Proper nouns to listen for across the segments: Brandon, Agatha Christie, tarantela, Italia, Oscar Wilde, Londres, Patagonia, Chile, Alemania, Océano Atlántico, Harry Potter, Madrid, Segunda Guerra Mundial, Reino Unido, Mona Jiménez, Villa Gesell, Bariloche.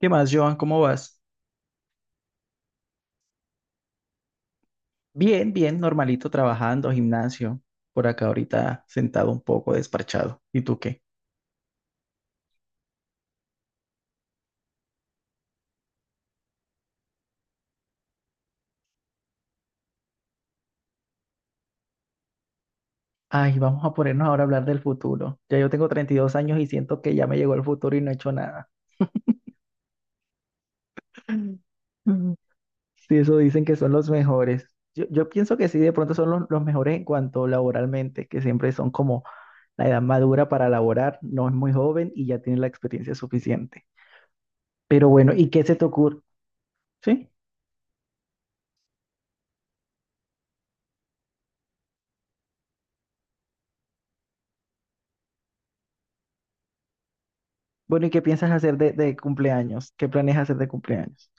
¿Qué más, Joan? ¿Cómo vas? Bien, bien, normalito, trabajando, gimnasio, por acá ahorita sentado un poco, desparchado. ¿Y tú qué? Ay, vamos a ponernos ahora a hablar del futuro. Ya yo tengo 32 años y siento que ya me llegó el futuro y no he hecho nada. Ujú. Sí, eso dicen que son los mejores. Yo pienso que sí, de pronto son los mejores en cuanto laboralmente, que siempre son como la edad madura para laborar, no es muy joven y ya tiene la experiencia suficiente. Pero bueno, ¿y qué se te ocurre? ¿Sí? Bueno, ¿y qué piensas hacer de cumpleaños? ¿Qué planeas hacer de cumpleaños?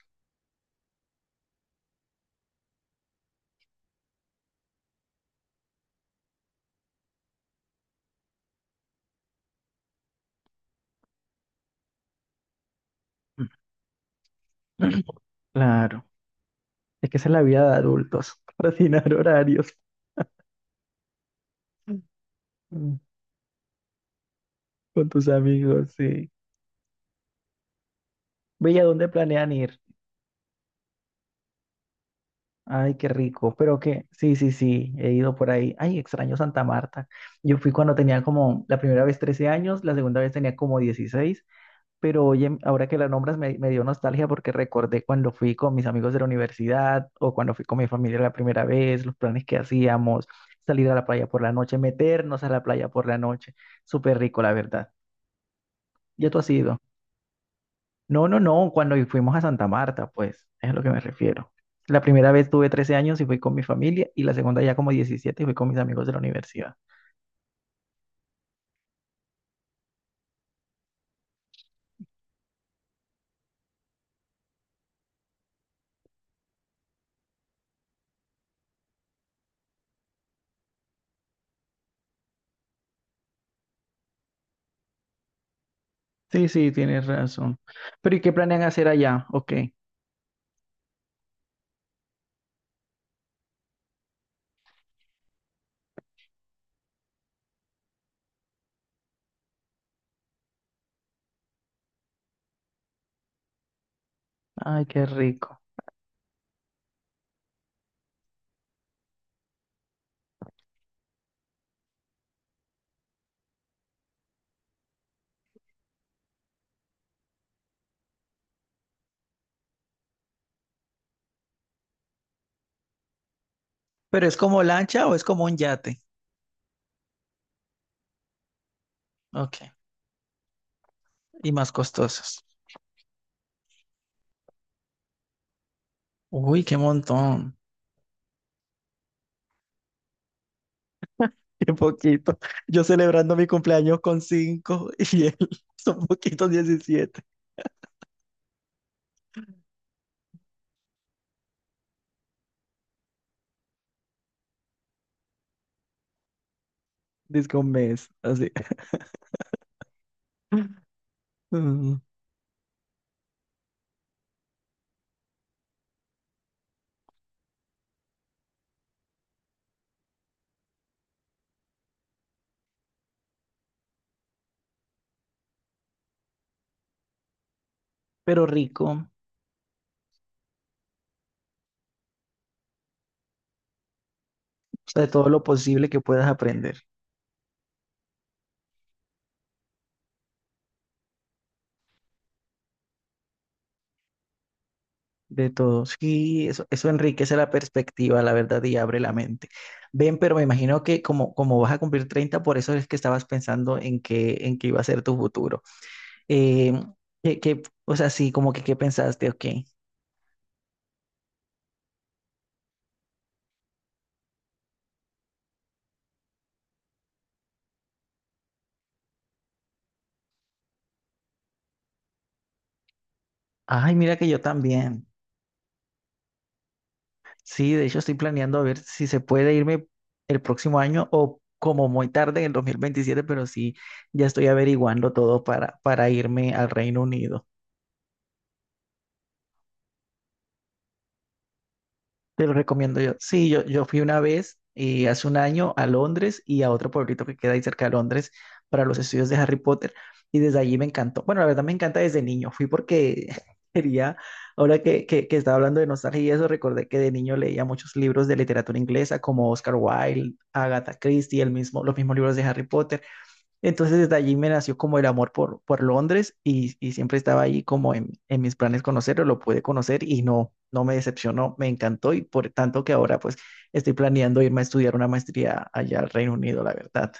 Claro, es que esa es la vida de adultos, coordinar horarios, mm, con tus amigos, sí. Bella, ¿dónde planean ir? Ay, qué rico, pero que, sí, sí, sí, he ido por ahí. Ay, extraño Santa Marta. Yo fui cuando tenía como, la primera vez 13 años, la segunda vez tenía como 16. Pero oye, ahora que la nombras me dio nostalgia porque recordé cuando fui con mis amigos de la universidad o cuando fui con mi familia la primera vez, los planes que hacíamos, salir a la playa por la noche, meternos a la playa por la noche. Súper rico, la verdad. ¿Ya tú has ido? No, no, no, cuando fuimos a Santa Marta, pues, es a lo que me refiero. La primera vez tuve 13 años y fui con mi familia y la segunda ya como 17 y fui con mis amigos de la universidad. Sí, sí, tienes razón. Pero ¿y qué planean hacer allá? Ok. Ay, qué rico. ¿Pero es como lancha o es como un yate? Ok. Y más costosas. Uy, qué montón. Qué poquito. Yo celebrando mi cumpleaños con cinco y él son poquitos 17. Disco un mes, así. Mm. Pero rico, o sea, de todo lo posible que puedas aprender, de todo. Sí, eso enriquece la perspectiva, la verdad, y abre la mente. Ven, pero me imagino que como, como vas a cumplir 30, por eso es que estabas pensando en qué iba a ser tu futuro. Eh, que, o sea, sí, como que qué pensaste, ok. Ay, mira que yo también. Sí, de hecho estoy planeando a ver si se puede irme el próximo año o como muy tarde en el 2027, pero sí, ya estoy averiguando todo para irme al Reino Unido. Te lo recomiendo yo. Sí, yo fui una vez hace un año a Londres y a otro pueblito que queda ahí cerca de Londres para los estudios de Harry Potter y desde allí me encantó. Bueno, la verdad me encanta desde niño. Fui porque quería, ahora que estaba hablando de nostalgia y eso, recordé que de niño leía muchos libros de literatura inglesa como Oscar Wilde, Agatha Christie, el mismo, los mismos libros de Harry Potter. Entonces desde allí me nació como el amor por Londres y siempre estaba ahí como en mis planes conocerlo, lo pude conocer y no, no me decepcionó, me encantó y por tanto que ahora pues estoy planeando irme a estudiar una maestría allá al Reino Unido, la verdad.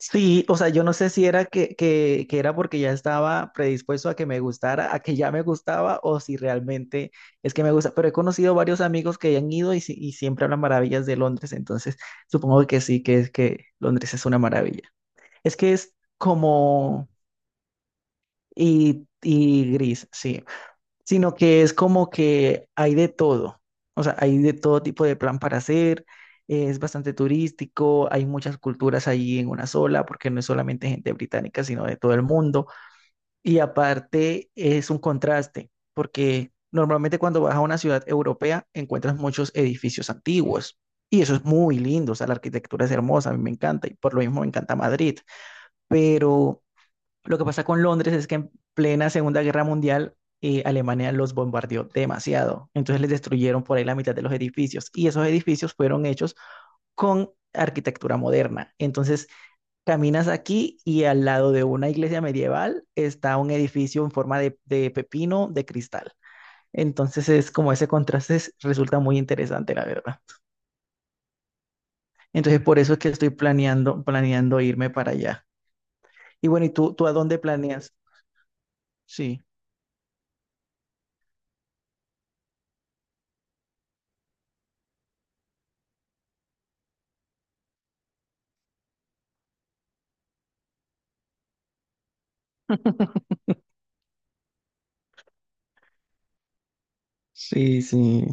Sí, o sea, yo no sé si era que, que era porque ya estaba predispuesto a que me gustara, a que ya me gustaba o si realmente es que me gusta, pero he conocido varios amigos que han ido y, y siempre hablan maravillas de Londres, entonces supongo que sí, que es que Londres es una maravilla. Es que es como... Y gris, sí. Sino que es como que hay de todo. O sea, hay de todo tipo de plan para hacer. Es bastante turístico, hay muchas culturas ahí en una sola, porque no es solamente gente británica, sino de todo el mundo. Y aparte es un contraste, porque normalmente cuando vas a una ciudad europea encuentras muchos edificios antiguos y eso es muy lindo, o sea, la arquitectura es hermosa, a mí me encanta y por lo mismo me encanta Madrid, pero lo que pasa con Londres es que en plena Segunda Guerra Mundial Alemania los bombardeó demasiado. Entonces les destruyeron por ahí la mitad de los edificios y esos edificios fueron hechos con arquitectura moderna. Entonces caminas aquí y al lado de una iglesia medieval está un edificio en forma de pepino de cristal. Entonces es como ese contraste resulta muy interesante, la verdad. Entonces por eso es que estoy planeando irme para allá. Y bueno, ¿y tú a dónde planeas? Sí. Sí, sí.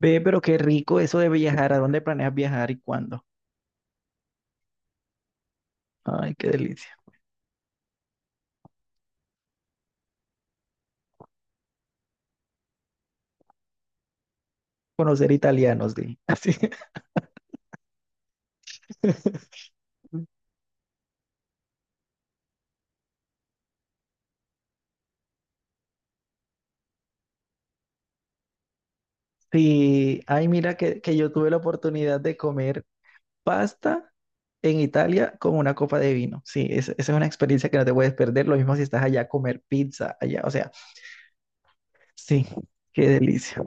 Ve, pero qué rico eso de viajar. ¿A dónde planeas viajar y cuándo? Ay, qué delicia. Conocer italianos, di. Así. Sí, ay, mira que yo tuve la oportunidad de comer pasta en Italia con una copa de vino. Sí, esa es una experiencia que no te puedes perder. Lo mismo si estás allá a comer pizza allá. O sea, sí, qué delicia.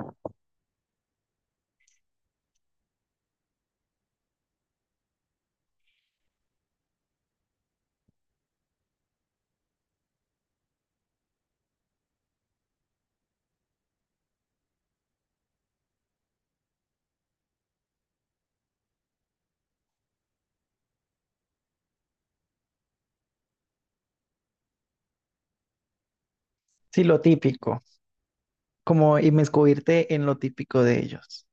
Sí, lo típico. Como inmiscuirte en lo típico de ellos.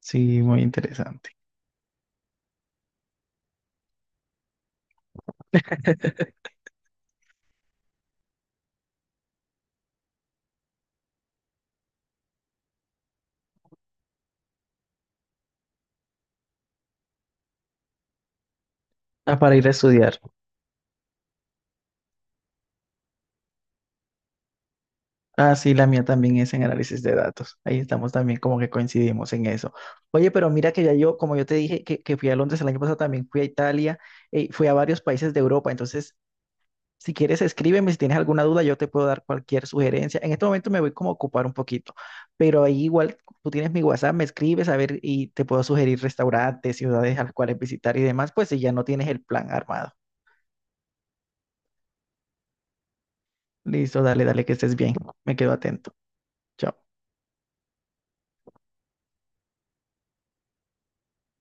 Sí, muy interesante. Ah, para ir a estudiar. Ah, sí, la mía también es en análisis de datos. Ahí estamos también como que coincidimos en eso. Oye, pero mira que ya yo, como yo te dije que fui a Londres el año pasado, también fui a Italia, fui a varios países de Europa. Entonces, si quieres, escríbeme. Si tienes alguna duda, yo te puedo dar cualquier sugerencia. En este momento me voy como a ocupar un poquito, pero ahí igual tú tienes mi WhatsApp, me escribes a ver y te puedo sugerir restaurantes, ciudades a las cuales visitar y demás, pues si ya no tienes el plan armado. Listo, dale, dale, que estés bien. Me quedo atento. Chao.